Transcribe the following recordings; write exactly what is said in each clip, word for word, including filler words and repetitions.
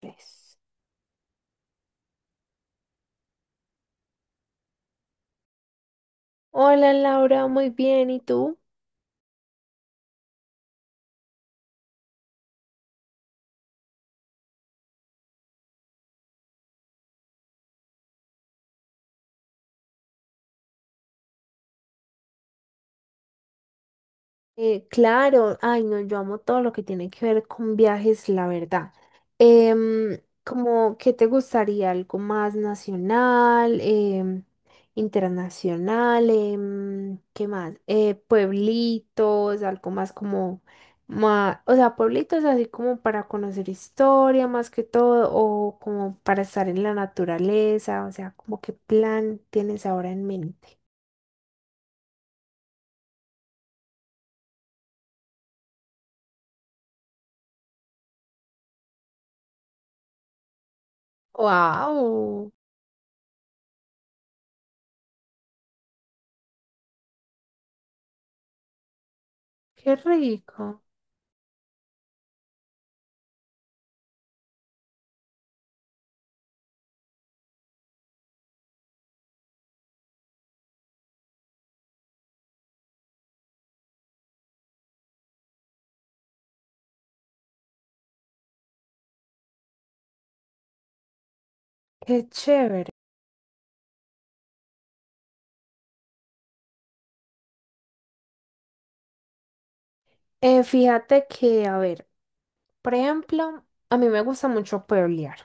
Tres. Hola Laura, muy bien, ¿y tú? Eh, claro, ay no, yo amo todo lo que tiene que ver con viajes, la verdad. Em, como, ¿qué te gustaría? ¿Algo más nacional, em, internacional? Em, ¿qué más? Eh, pueblitos, algo más como, ma- o sea, pueblitos así como para conocer historia más que todo, o como para estar en la naturaleza, o sea, como qué plan tienes ahora en mente. Wow, qué rico, qué chévere. Eh, fíjate que, a ver, por ejemplo, a mí me gusta mucho pueblear,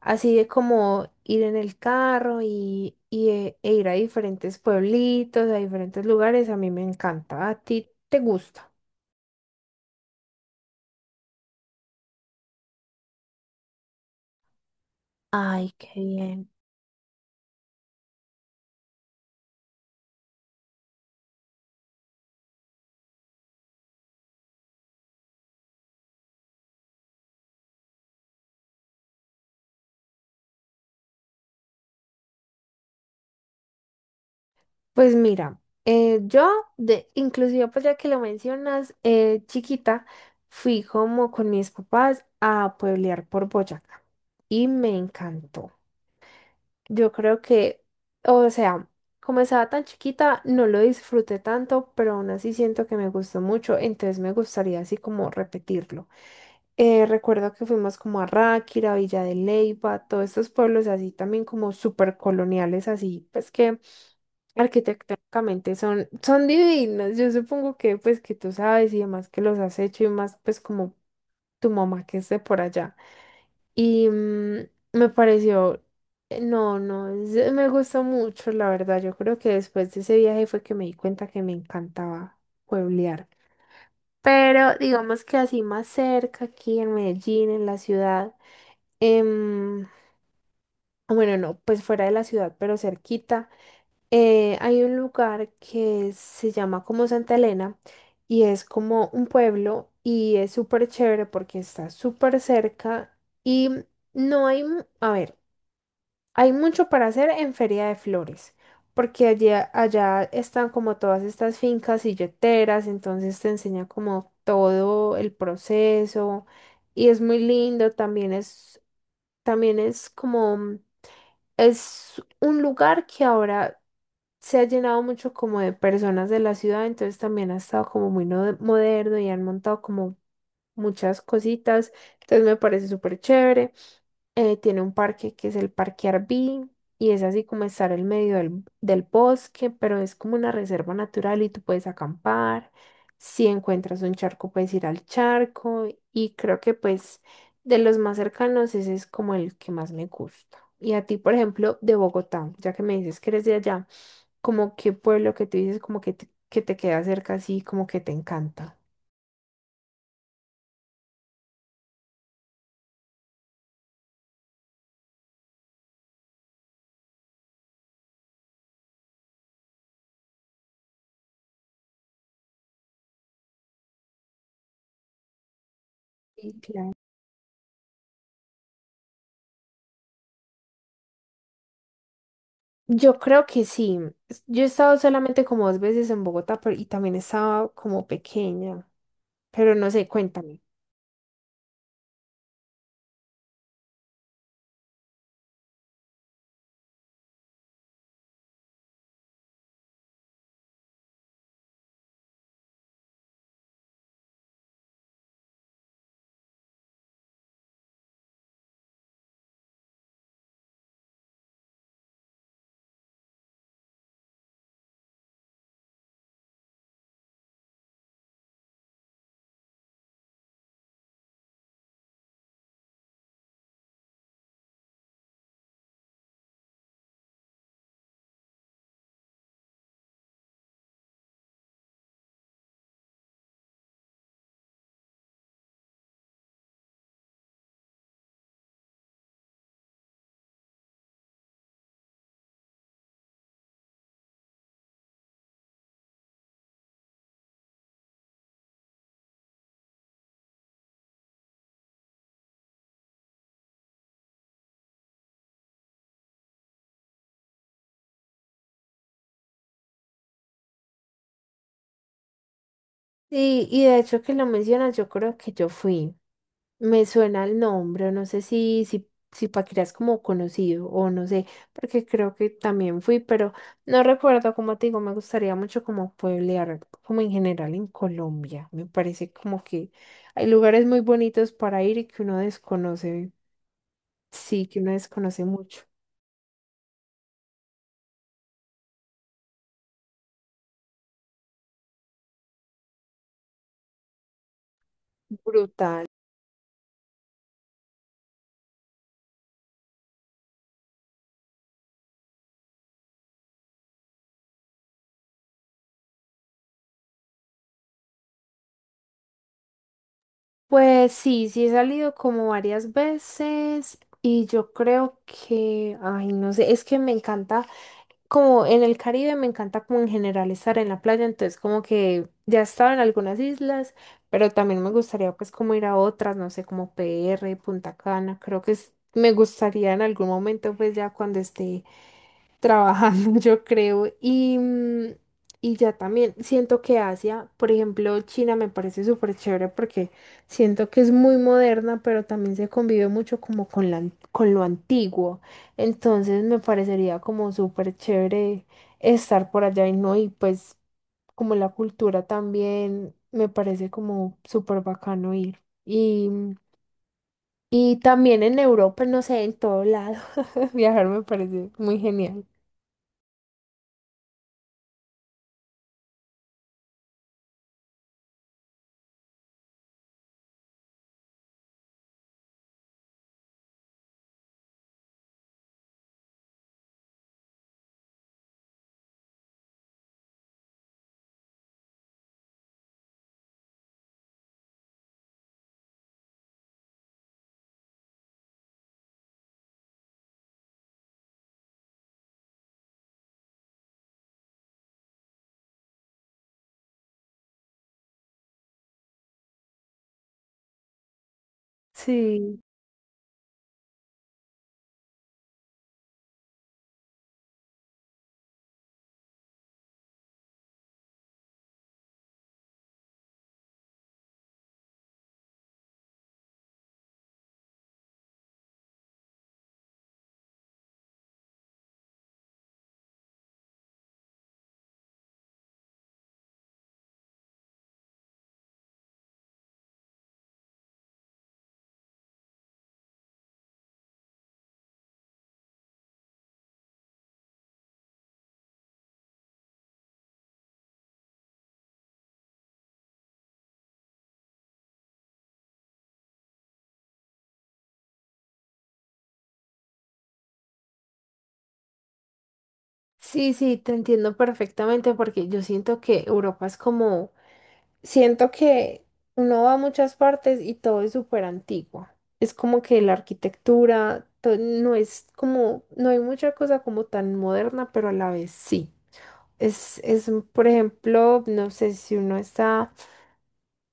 así de como ir en el carro y, y, eh, e ir a diferentes pueblitos, a diferentes lugares, a mí me encanta. ¿A ti te gusta? Ay, qué bien. Pues mira, eh, yo, de, inclusive pues ya que lo mencionas, eh, chiquita, fui como con mis papás a pueblear por Boyacá y me encantó. Yo creo que, o sea, como estaba tan chiquita, no lo disfruté tanto, pero aún así siento que me gustó mucho, entonces me gustaría así como repetirlo. Eh, recuerdo que fuimos como a Ráquira, Villa de Leyva, todos estos pueblos así también como súper coloniales, así pues que arquitectónicamente son, son divinos. Yo supongo que pues que tú sabes y demás que los has hecho y más pues como tu mamá que esté por allá. Y mm, me pareció eh, No, no, es- me gustó mucho, la verdad. Yo creo que después de ese viaje fue que me di cuenta que me encantaba pueblear. Pero digamos que así más cerca, aquí en Medellín, en la ciudad, em, bueno, no, pues fuera de la ciudad, pero cerquita, eh, hay un lugar que se llama como Santa Elena y es como un pueblo y es súper chévere porque está súper cerca y no hay, mu- a ver. Hay mucho para hacer en Feria de Flores, porque allá allá están como todas estas fincas silleteras, entonces te enseña como todo el proceso y es muy lindo, también es, también es como, mm, es un lugar que ahora se ha llenado mucho como de personas de la ciudad, entonces también ha estado como muy no- moderno y han montado como muchas cositas, entonces me parece súper chévere, eh, tiene un parque que es el Parque Arví y es así como estar en medio del, del bosque, pero es como una reserva natural y tú puedes acampar. Si encuentras un charco, puedes ir al charco y creo que pues de los más cercanos ese es como el que más me gusta. Y a ti, por ejemplo, de Bogotá, ya que me dices que eres de allá, como qué pueblo que tú dices como que te, que te queda cerca así, como que te encanta. Sí, claro. Yo creo que sí. Es- Yo he estado solamente como dos veces en Bogotá pero, y también estaba como pequeña, pero no sé, cuéntame. Sí, y de hecho que lo mencionas, yo creo que yo fui. Me suena el nombre, no sé si, si, si Paquirá es como conocido o no sé, porque creo que también fui, pero no recuerdo, como te digo, me gustaría mucho como pueblear, como en general en Colombia. Me parece como que hay lugares muy bonitos para ir y que uno desconoce, sí, que uno desconoce mucho. Brutal. Pues sí, sí he salido como varias veces y yo creo que, ay, no sé, es que me encanta, como en el Caribe me encanta como en general estar en la playa, entonces como que ya he estado en algunas islas, pero también me gustaría pues como ir a otras, no sé, como P R, Punta Cana, creo que es- me gustaría en algún momento pues ya cuando esté trabajando, yo creo. Y, mm, y ya también siento que Asia, por ejemplo, China me parece súper chévere porque siento que es muy moderna, pero también se convive mucho como con la, an- con lo antiguo. Entonces me parecería como súper chévere estar por allá y no, y pues como la cultura también me parece como súper bacano ir. Y, mm, y también en Europa, no sé, en todo lado, viajar me parece muy genial. Sí. Sí, sí, te entiendo perfectamente porque yo siento que Europa es como, siento que uno va a muchas partes y todo es súper antiguo. Es como que la arquitectura to- no es como, no hay mucha cosa como tan moderna, pero a la vez sí. Es, es, por ejemplo, no sé si uno está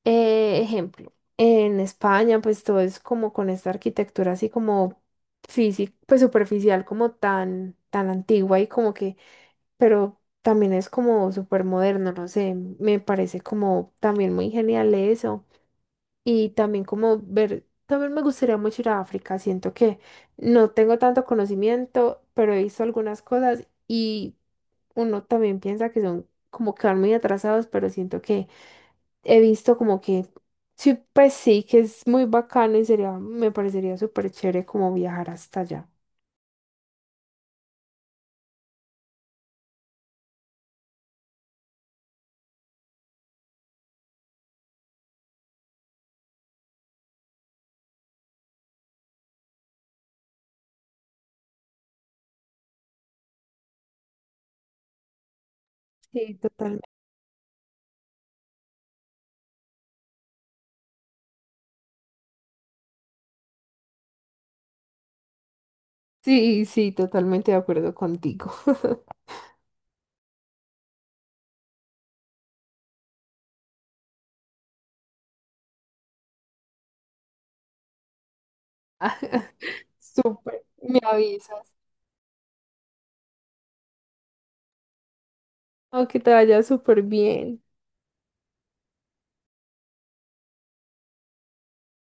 eh, ejemplo, en España, pues todo es como con esta arquitectura así como física, pues superficial, como tan, tan antigua y como que, pero también es como súper moderno, no sé, me parece como también muy genial eso. Y también como ver, también me gustaría mucho ir a África, siento que no tengo tanto conocimiento, pero he visto algunas cosas y uno también piensa que son como que van muy atrasados, pero siento que he visto como que sí, pues sí, que es muy bacano y sería, me parecería súper chévere como viajar hasta allá. Sí, totalmente. Sí, sí, totalmente de acuerdo contigo. Ah, súper, me avisas. Aunque te vaya súper bien.